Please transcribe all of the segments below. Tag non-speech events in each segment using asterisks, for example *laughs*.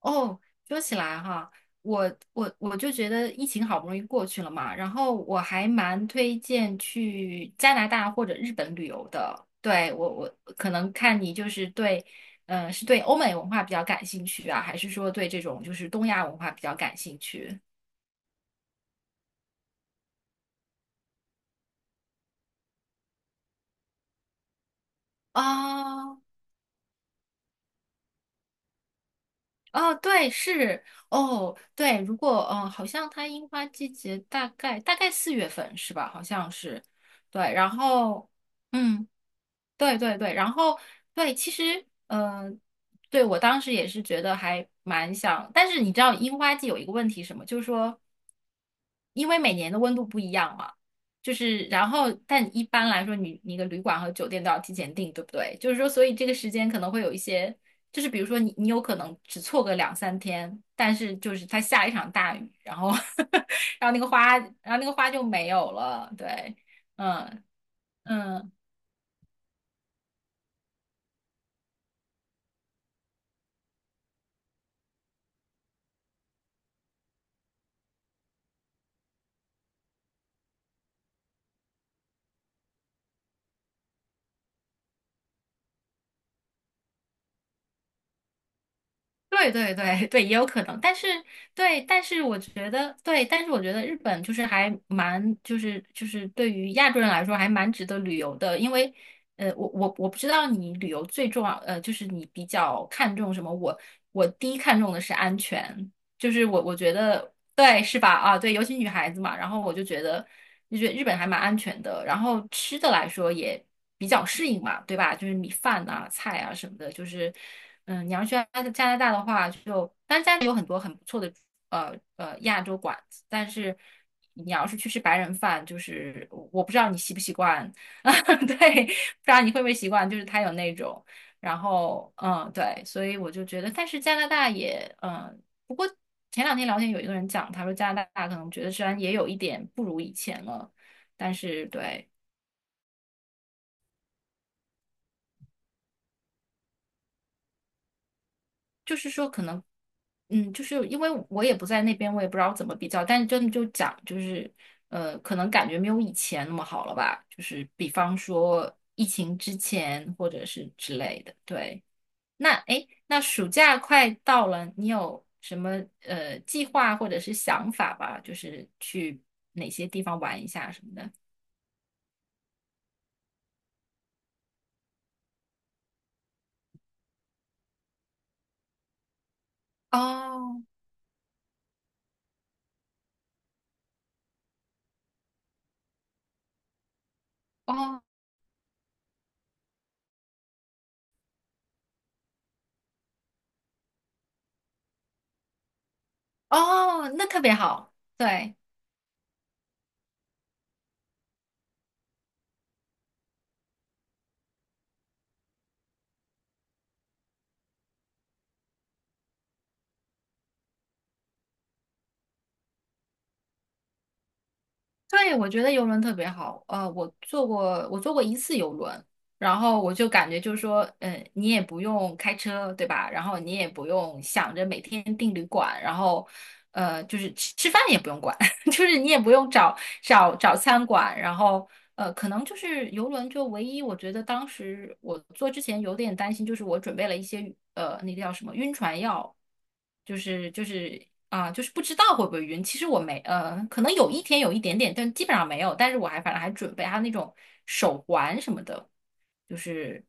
哦，说起来哈，我就觉得疫情好不容易过去了嘛，然后我还蛮推荐去加拿大或者日本旅游的。对，我可能看你就是对，是对欧美文化比较感兴趣啊，还是说对这种就是东亚文化比较感兴趣？啊哦，对，是哦，对，如果好像它樱花季节大概4月份是吧？好像是，对，然后嗯。对对对，然后对，其实对我当时也是觉得还蛮想，但是你知道樱花季有一个问题是什么，就是说，因为每年的温度不一样嘛，就是然后但一般来说你的旅馆和酒店都要提前订，对不对？就是说，所以这个时间可能会有一些，就是比如说你有可能只错个两三天，但是就是它下一场大雨，然后 *laughs* 然后那个花就没有了，对，嗯。嗯，对对对 *laughs* 对，也有可能，但是对，但是我觉得对，但是我觉得日本就是还蛮就是对于亚洲人来说还蛮值得旅游的，因为呃，我不知道你旅游最重要呃，就是你比较看重什么，我第一看重的是安全，就是我觉得对是吧？啊，对，尤其女孩子嘛，然后我就觉得日本还蛮安全的，然后吃的来说也比较适应嘛，对吧？就是米饭啊、菜啊什么的，就是嗯，你要去加拿大的话就，当然加拿大有很多很不错的亚洲馆子，但是你要是去吃白人饭，就是我不知道你习不习惯，*laughs* 对，不知道你会不会习惯，就是他有那种。然后，嗯，对，所以我就觉得，但是加拿大也，嗯，不过。前两天聊天有一个人讲，他说加拿大可能觉得虽然也有一点不如以前了，但是对，就是说可能，嗯，就是因为我也不在那边，我也不知道怎么比较，但是真的就讲就是，呃，可能感觉没有以前那么好了吧，就是比方说疫情之前或者是之类的，对。那诶，那暑假快到了，你有什么呃计划或者是想法吧？就是去哪些地方玩一下什么的？哦哦，哦，那特别好，对对，我觉得游轮特别好。呃，我坐过，我坐过一次游轮，然后我就感觉就是说，嗯，你也不用开车，对吧？然后你也不用想着每天订旅馆，然后呃，就是吃吃饭也不用管。*laughs* 就是你也不用找餐馆，然后呃，可能就是游轮就唯一，我觉得当时我做之前有点担心，就是我准备了一些呃那个叫什么晕船药，就是就是就是不知道会不会晕。其实我没可能有一天有一点点，但基本上没有。但是我还反正还准备还有那种手环什么的，就是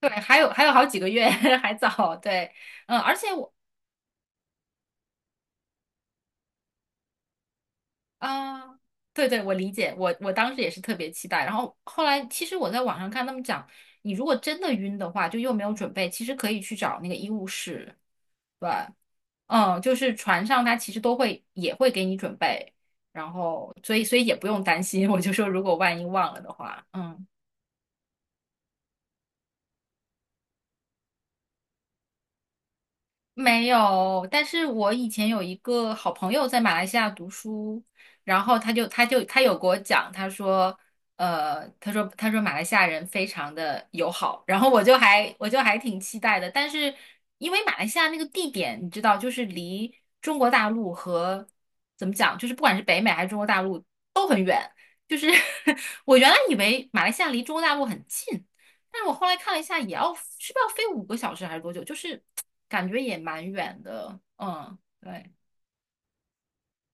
对，还有好几个月 *laughs* 还早，对。嗯，而且我啊，对对，我理解，我当时也是特别期待。然后后来，其实我在网上看他们讲，你如果真的晕的话，就又没有准备，其实可以去找那个医务室，对，嗯，就是船上他其实都会也会给你准备，然后所以也不用担心。我就说，如果万一忘了的话，嗯。没有，但是我以前有一个好朋友在马来西亚读书，然后他有给我讲，他说，呃，他说马来西亚人非常的友好，然后我就还挺期待的，但是因为马来西亚那个地点你知道，就是离中国大陆和怎么讲，就是不管是北美还是中国大陆都很远，就是 *laughs* 我原来以为马来西亚离中国大陆很近，但是我后来看了一下，也要是不是要飞5个小时还是多久？就是感觉也蛮远的。嗯，对，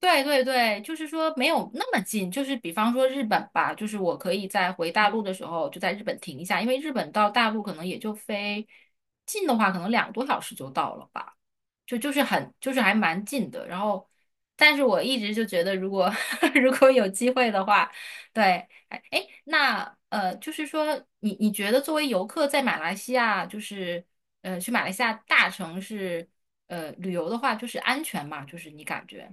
对对对，就是说没有那么近。就是比方说日本吧，就是我可以在回大陆的时候就在日本停一下，因为日本到大陆可能也就飞近的话，可能2个多小时就到了吧。就就是很就是还蛮近的。然后，但是我一直就觉得，如果 *laughs* 如果有机会的话，对，哎，哎那呃，就是说你你觉得作为游客在马来西亚，就是呃去马来西亚大城市呃旅游的话，就是安全嘛？就是你感觉？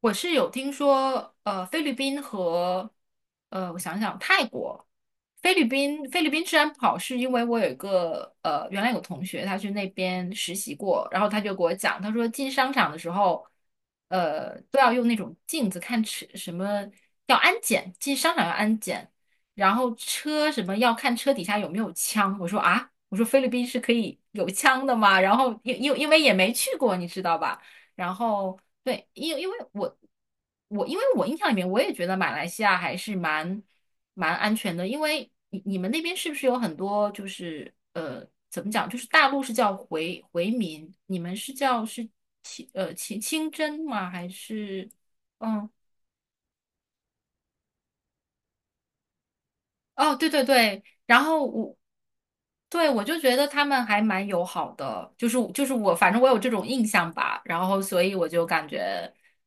我是有听说，呃，菲律宾和，呃，我想想，泰国，菲律宾，菲律宾治安不好，是因为我有一个，呃，原来有同学他去那边实习过，然后他就给我讲，他说进商场的时候，呃，都要用那种镜子看车，什么要安检，进商场要安检，然后车什么要看车底下有没有枪。我说啊，我说菲律宾是可以有枪的吗？然后因为也没去过，你知道吧？然后对，因为我印象里面，我也觉得马来西亚还是蛮安全的，因为你你们那边是不是有很多就是呃怎么讲，就是大陆是叫回民，你们是叫是清真吗？还是嗯哦，对对对，然后我。对，我就觉得他们还蛮友好的，就是就是我，反正我有这种印象吧，然后所以我就感觉，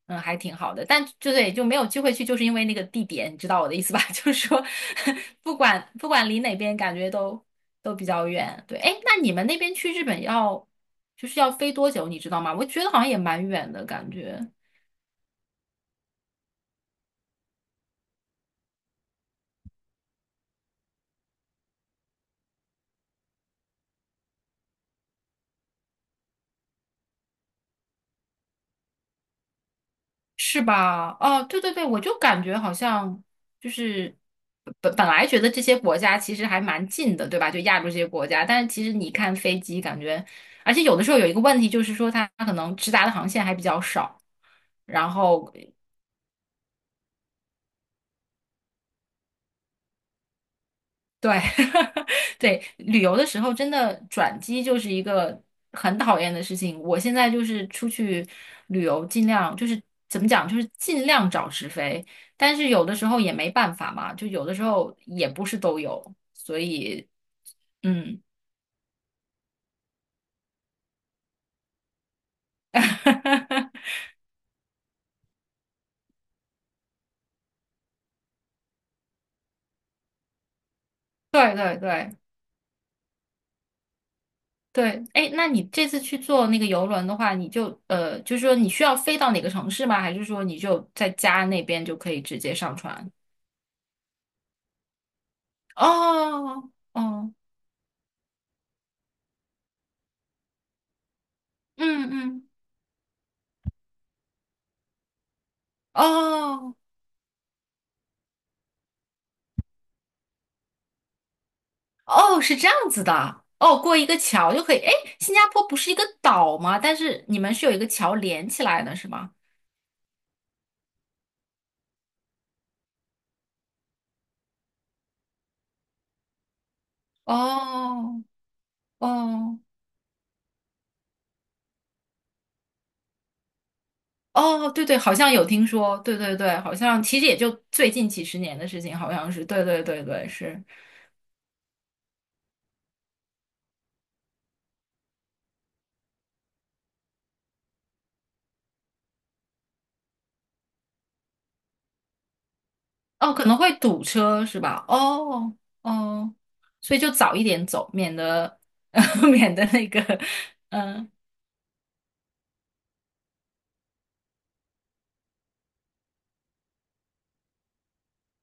嗯，还挺好的，但就对，就没有机会去，就是因为那个地点，你知道我的意思吧？*laughs* 就是说，*laughs* 不管离哪边，感觉都比较远。对，哎，那你们那边去日本要就是要飞多久，你知道吗？我觉得好像也蛮远的感觉。是吧？哦，对对对，我就感觉好像就是本来觉得这些国家其实还蛮近的，对吧？就亚洲这些国家，但是其实你看飞机，感觉而且有的时候有一个问题就是说它可能直达的航线还比较少，然后对，*laughs* 对，旅游的时候真的转机就是一个很讨厌的事情。我现在就是出去旅游，尽量就是怎么讲，就是尽量找直飞，但是有的时候也没办法嘛，就有的时候也不是都有，所以，嗯，*laughs* 对对对对，哎，那你这次去坐那个游轮的话，你就呃，就是说你需要飞到哪个城市吗？还是说你就在家那边就可以直接上船？哦哦。嗯嗯，哦哦，是这样子的，哦，过一个桥就可以。哎，新加坡不是一个岛吗？但是你们是有一个桥连起来的，是吗？哦哦哦，对对，好像有听说，对对对，好像其实也就最近几十年的事情，好像是，对对对对，是。哦，可能会堵车是吧？哦哦，所以就早一点走，免得 *laughs* 免得那个，嗯，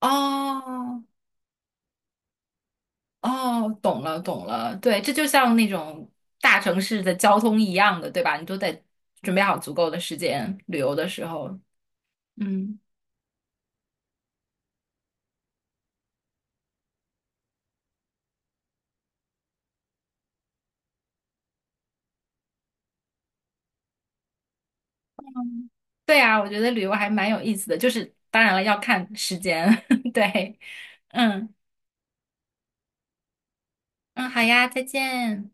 哦哦，懂了，懂了，对，这就像那种大城市的交通一样的，对吧？你都得准备好足够的时间，旅游的时候，嗯，对啊，我觉得旅游还蛮有意思的，就是当然了，要看时间，*laughs* 对，嗯嗯，好呀，再见。